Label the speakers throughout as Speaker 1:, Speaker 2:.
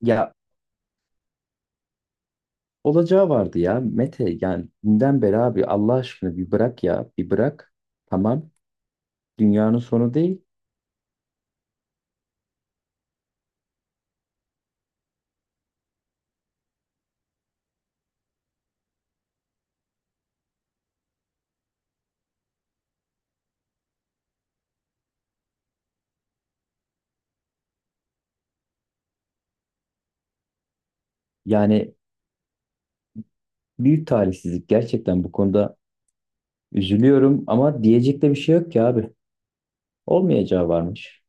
Speaker 1: Ya olacağı vardı ya Mete, yani dünden beri abi, Allah aşkına bir bırak ya, bir bırak, tamam, dünyanın sonu değil. Yani büyük talihsizlik, gerçekten bu konuda üzülüyorum, ama diyecek de bir şey yok ki abi, olmayacağı varmış.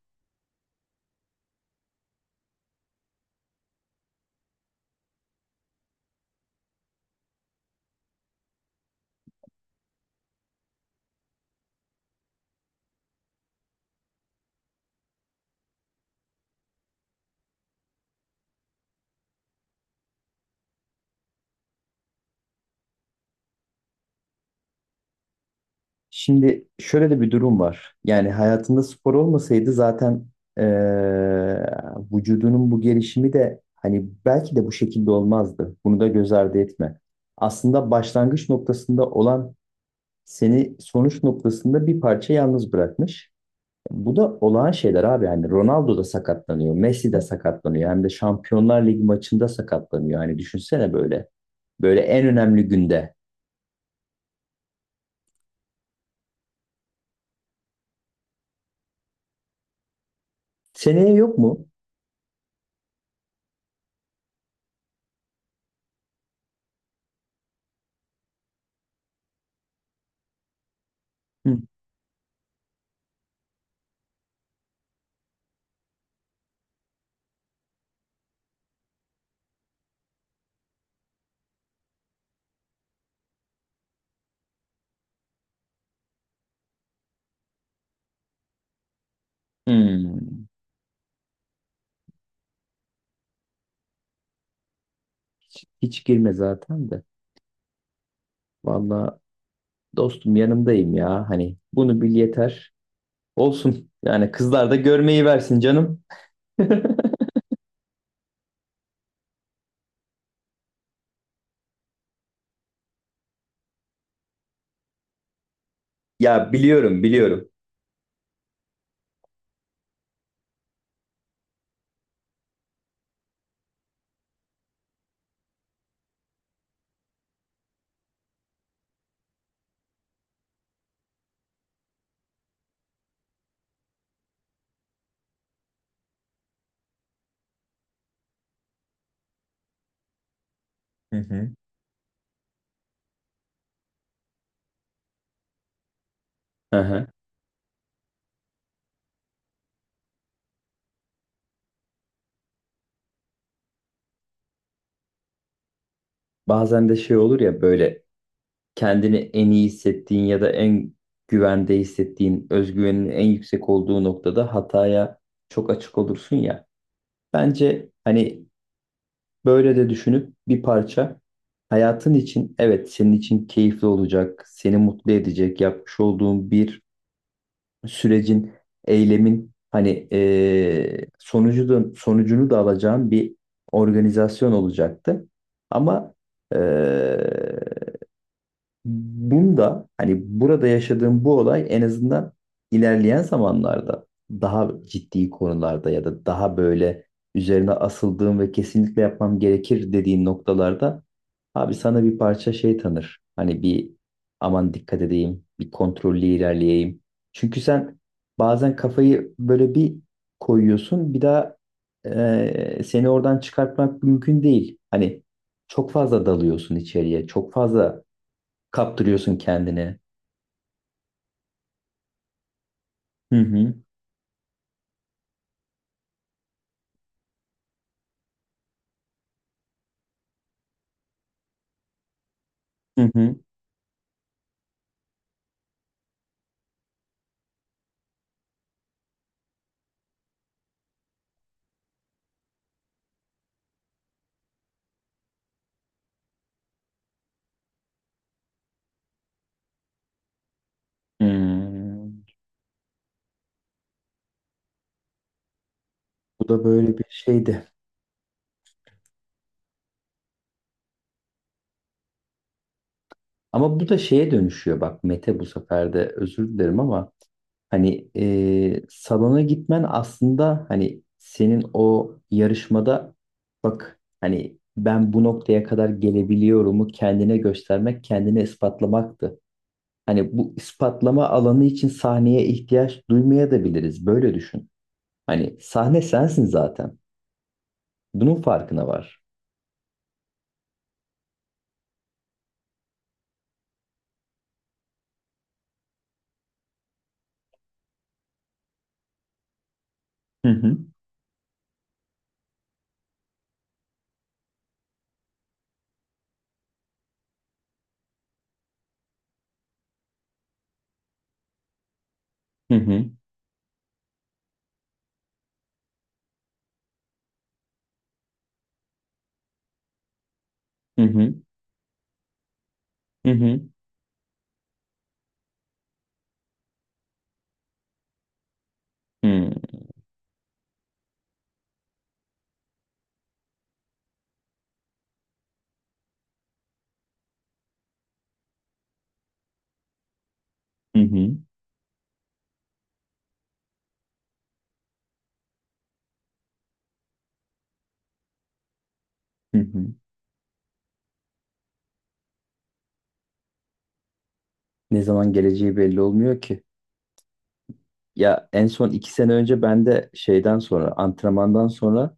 Speaker 1: Şimdi şöyle de bir durum var, yani hayatında spor olmasaydı zaten eee, vücudunun bu gelişimi de hani belki de bu şekilde olmazdı, bunu da göz ardı etme. Aslında başlangıç noktasında olan seni sonuç noktasında bir parça yalnız bırakmış. Bu da olağan şeyler abi. Yani Ronaldo da sakatlanıyor, Messi de sakatlanıyor. Hem de Şampiyonlar Ligi maçında sakatlanıyor. Yani düşünsene böyle. Böyle en önemli günde. Seneye yok mu? Hı. Hmm. Hiç girme zaten de. Valla dostum, yanımdayım ya. Hani bunu bil yeter. Olsun. Yani kızlar da görmeyi versin canım. Ya biliyorum, biliyorum. Hı hı. Aha. Bazen de şey olur ya, böyle kendini en iyi hissettiğin ya da en güvende hissettiğin, özgüvenin en yüksek olduğu noktada hataya çok açık olursun ya. Bence hani böyle de düşünüp bir parça, hayatın için evet, senin için keyifli olacak, seni mutlu edecek yapmış olduğun bir sürecin, eylemin hani sonucu da, sonucunu da alacağın bir organizasyon olacaktı. Ama eee, bunda hani burada yaşadığım bu olay en azından ilerleyen zamanlarda daha ciddi konularda ya da daha böyle üzerine asıldığım ve kesinlikle yapmam gerekir dediğin noktalarda abi sana bir parça şey tanır. Hani bir aman dikkat edeyim, bir kontrollü ilerleyeyim. Çünkü sen bazen kafayı böyle bir koyuyorsun, bir daha seni oradan çıkartmak mümkün değil. Hani çok fazla dalıyorsun içeriye, çok fazla kaptırıyorsun kendini. Hı hı. Hı hı. Hmm. Bu da böyle bir şeydi. Ama bu da şeye dönüşüyor bak Mete, bu sefer de özür dilerim ama hani salona gitmen aslında hani senin o yarışmada, bak hani ben bu noktaya kadar gelebiliyorumu kendine göstermek, kendini ispatlamaktı. Hani bu ispatlama alanı için sahneye ihtiyaç duymayabiliriz. Böyle düşün. Hani sahne sensin zaten. Bunun farkına var. Hı hı. Hı hı. Hı hı. Hı hı. Hı hı. Hı, hı. Ne zaman geleceği belli olmuyor ki. Ya en son iki sene önce ben de şeyden sonra, antrenmandan sonra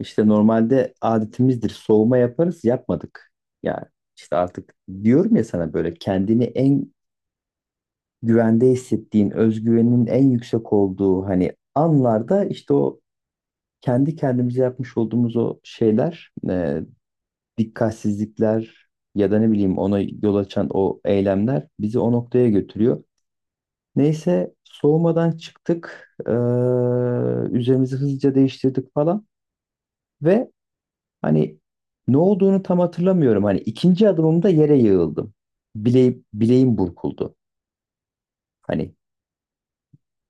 Speaker 1: işte normalde adetimizdir, soğuma yaparız, yapmadık. Yani işte artık, diyorum ya sana, böyle kendini en güvende hissettiğin, özgüvenin en yüksek olduğu hani anlarda işte o kendi kendimize yapmış olduğumuz o şeyler, dikkatsizlikler ya da ne bileyim ona yol açan o eylemler bizi o noktaya götürüyor. Neyse soğumadan çıktık. Üzerimizi hızlıca değiştirdik falan ve hani ne olduğunu tam hatırlamıyorum. Hani ikinci adımımda yere yığıldım. Bileğim burkuldu. Hani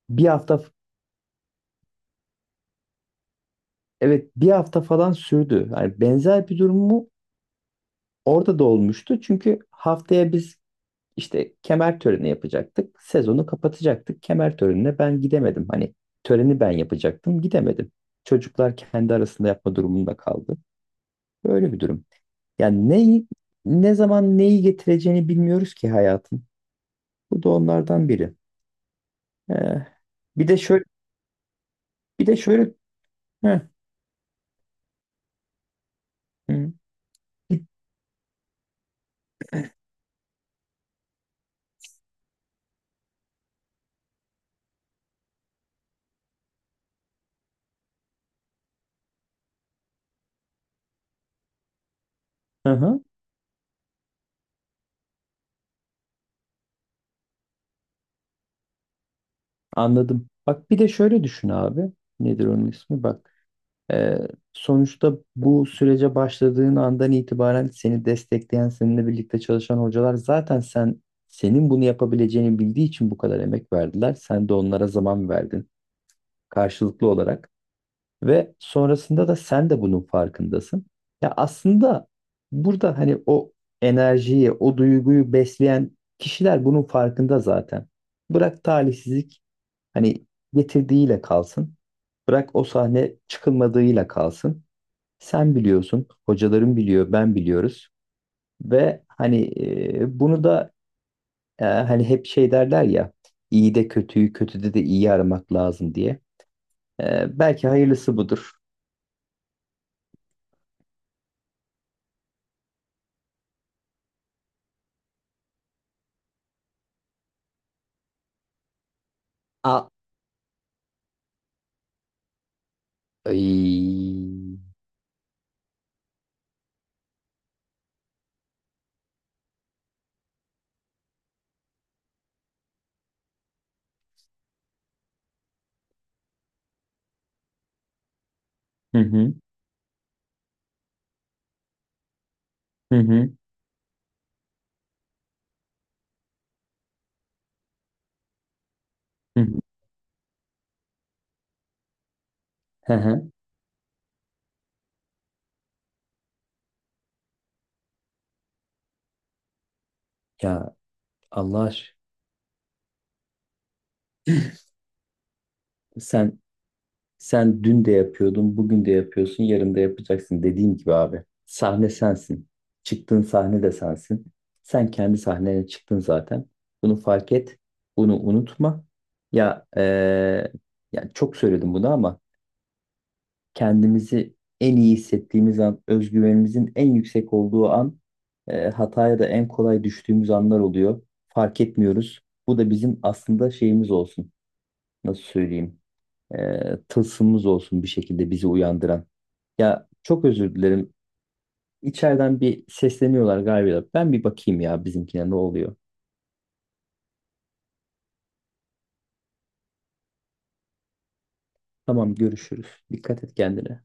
Speaker 1: bir hafta, evet, bir hafta falan sürdü. Hani benzer bir durum mu orada da olmuştu. Çünkü haftaya biz, İşte kemer töreni yapacaktık. Sezonu kapatacaktık. Kemer törenine ben gidemedim. Hani töreni ben yapacaktım, gidemedim. Çocuklar kendi arasında yapma durumunda kaldı. Böyle bir durum. Yani neyi, ne zaman neyi getireceğini bilmiyoruz ki hayatın. Bu da onlardan biri. Ee, bir de şöyle, bir de şöyle, heh, hı, hı, hı, anladım. Bak bir de şöyle düşün abi. Nedir onun ismi? Bak. Ee, sonuçta bu sürece başladığın andan itibaren seni destekleyen, seninle birlikte çalışan hocalar zaten senin bunu yapabileceğini bildiği için bu kadar emek verdiler. Sen de onlara zaman verdin karşılıklı olarak ve sonrasında da sen de bunun farkındasın. Ya aslında burada hani o enerjiyi, o duyguyu besleyen kişiler bunun farkında zaten. Bırak talihsizlik hani getirdiğiyle kalsın. Bırak o sahne çıkılmadığıyla kalsın. Sen biliyorsun, hocalarım biliyor, ben biliyoruz ve hani bunu da hani hep şey derler ya, iyi de kötüyü, kötüde de iyi aramak lazım diye. E, belki hayırlısı budur. A. Ay. Hı hı, hı hı, hı hı. Hı hı. Ya Allah aşkına. Sen Sen dün de yapıyordun, bugün de yapıyorsun, yarın da yapacaksın, dediğim gibi abi. Sahne sensin. Çıktığın sahne de sensin. Sen kendi sahnene çıktın zaten. Bunu fark et. Bunu unutma. Ya yani çok söyledim bunu ama kendimizi en iyi hissettiğimiz an, özgüvenimizin en yüksek olduğu an, hataya da en kolay düştüğümüz anlar oluyor. Fark etmiyoruz. Bu da bizim aslında şeyimiz olsun. Nasıl söyleyeyim? e, tılsımımız olsun bir şekilde bizi uyandıran. Ya çok özür dilerim. İçeriden bir sesleniyorlar galiba. Ben bir bakayım ya bizimkine ne oluyor. Tamam, görüşürüz. Dikkat et kendine.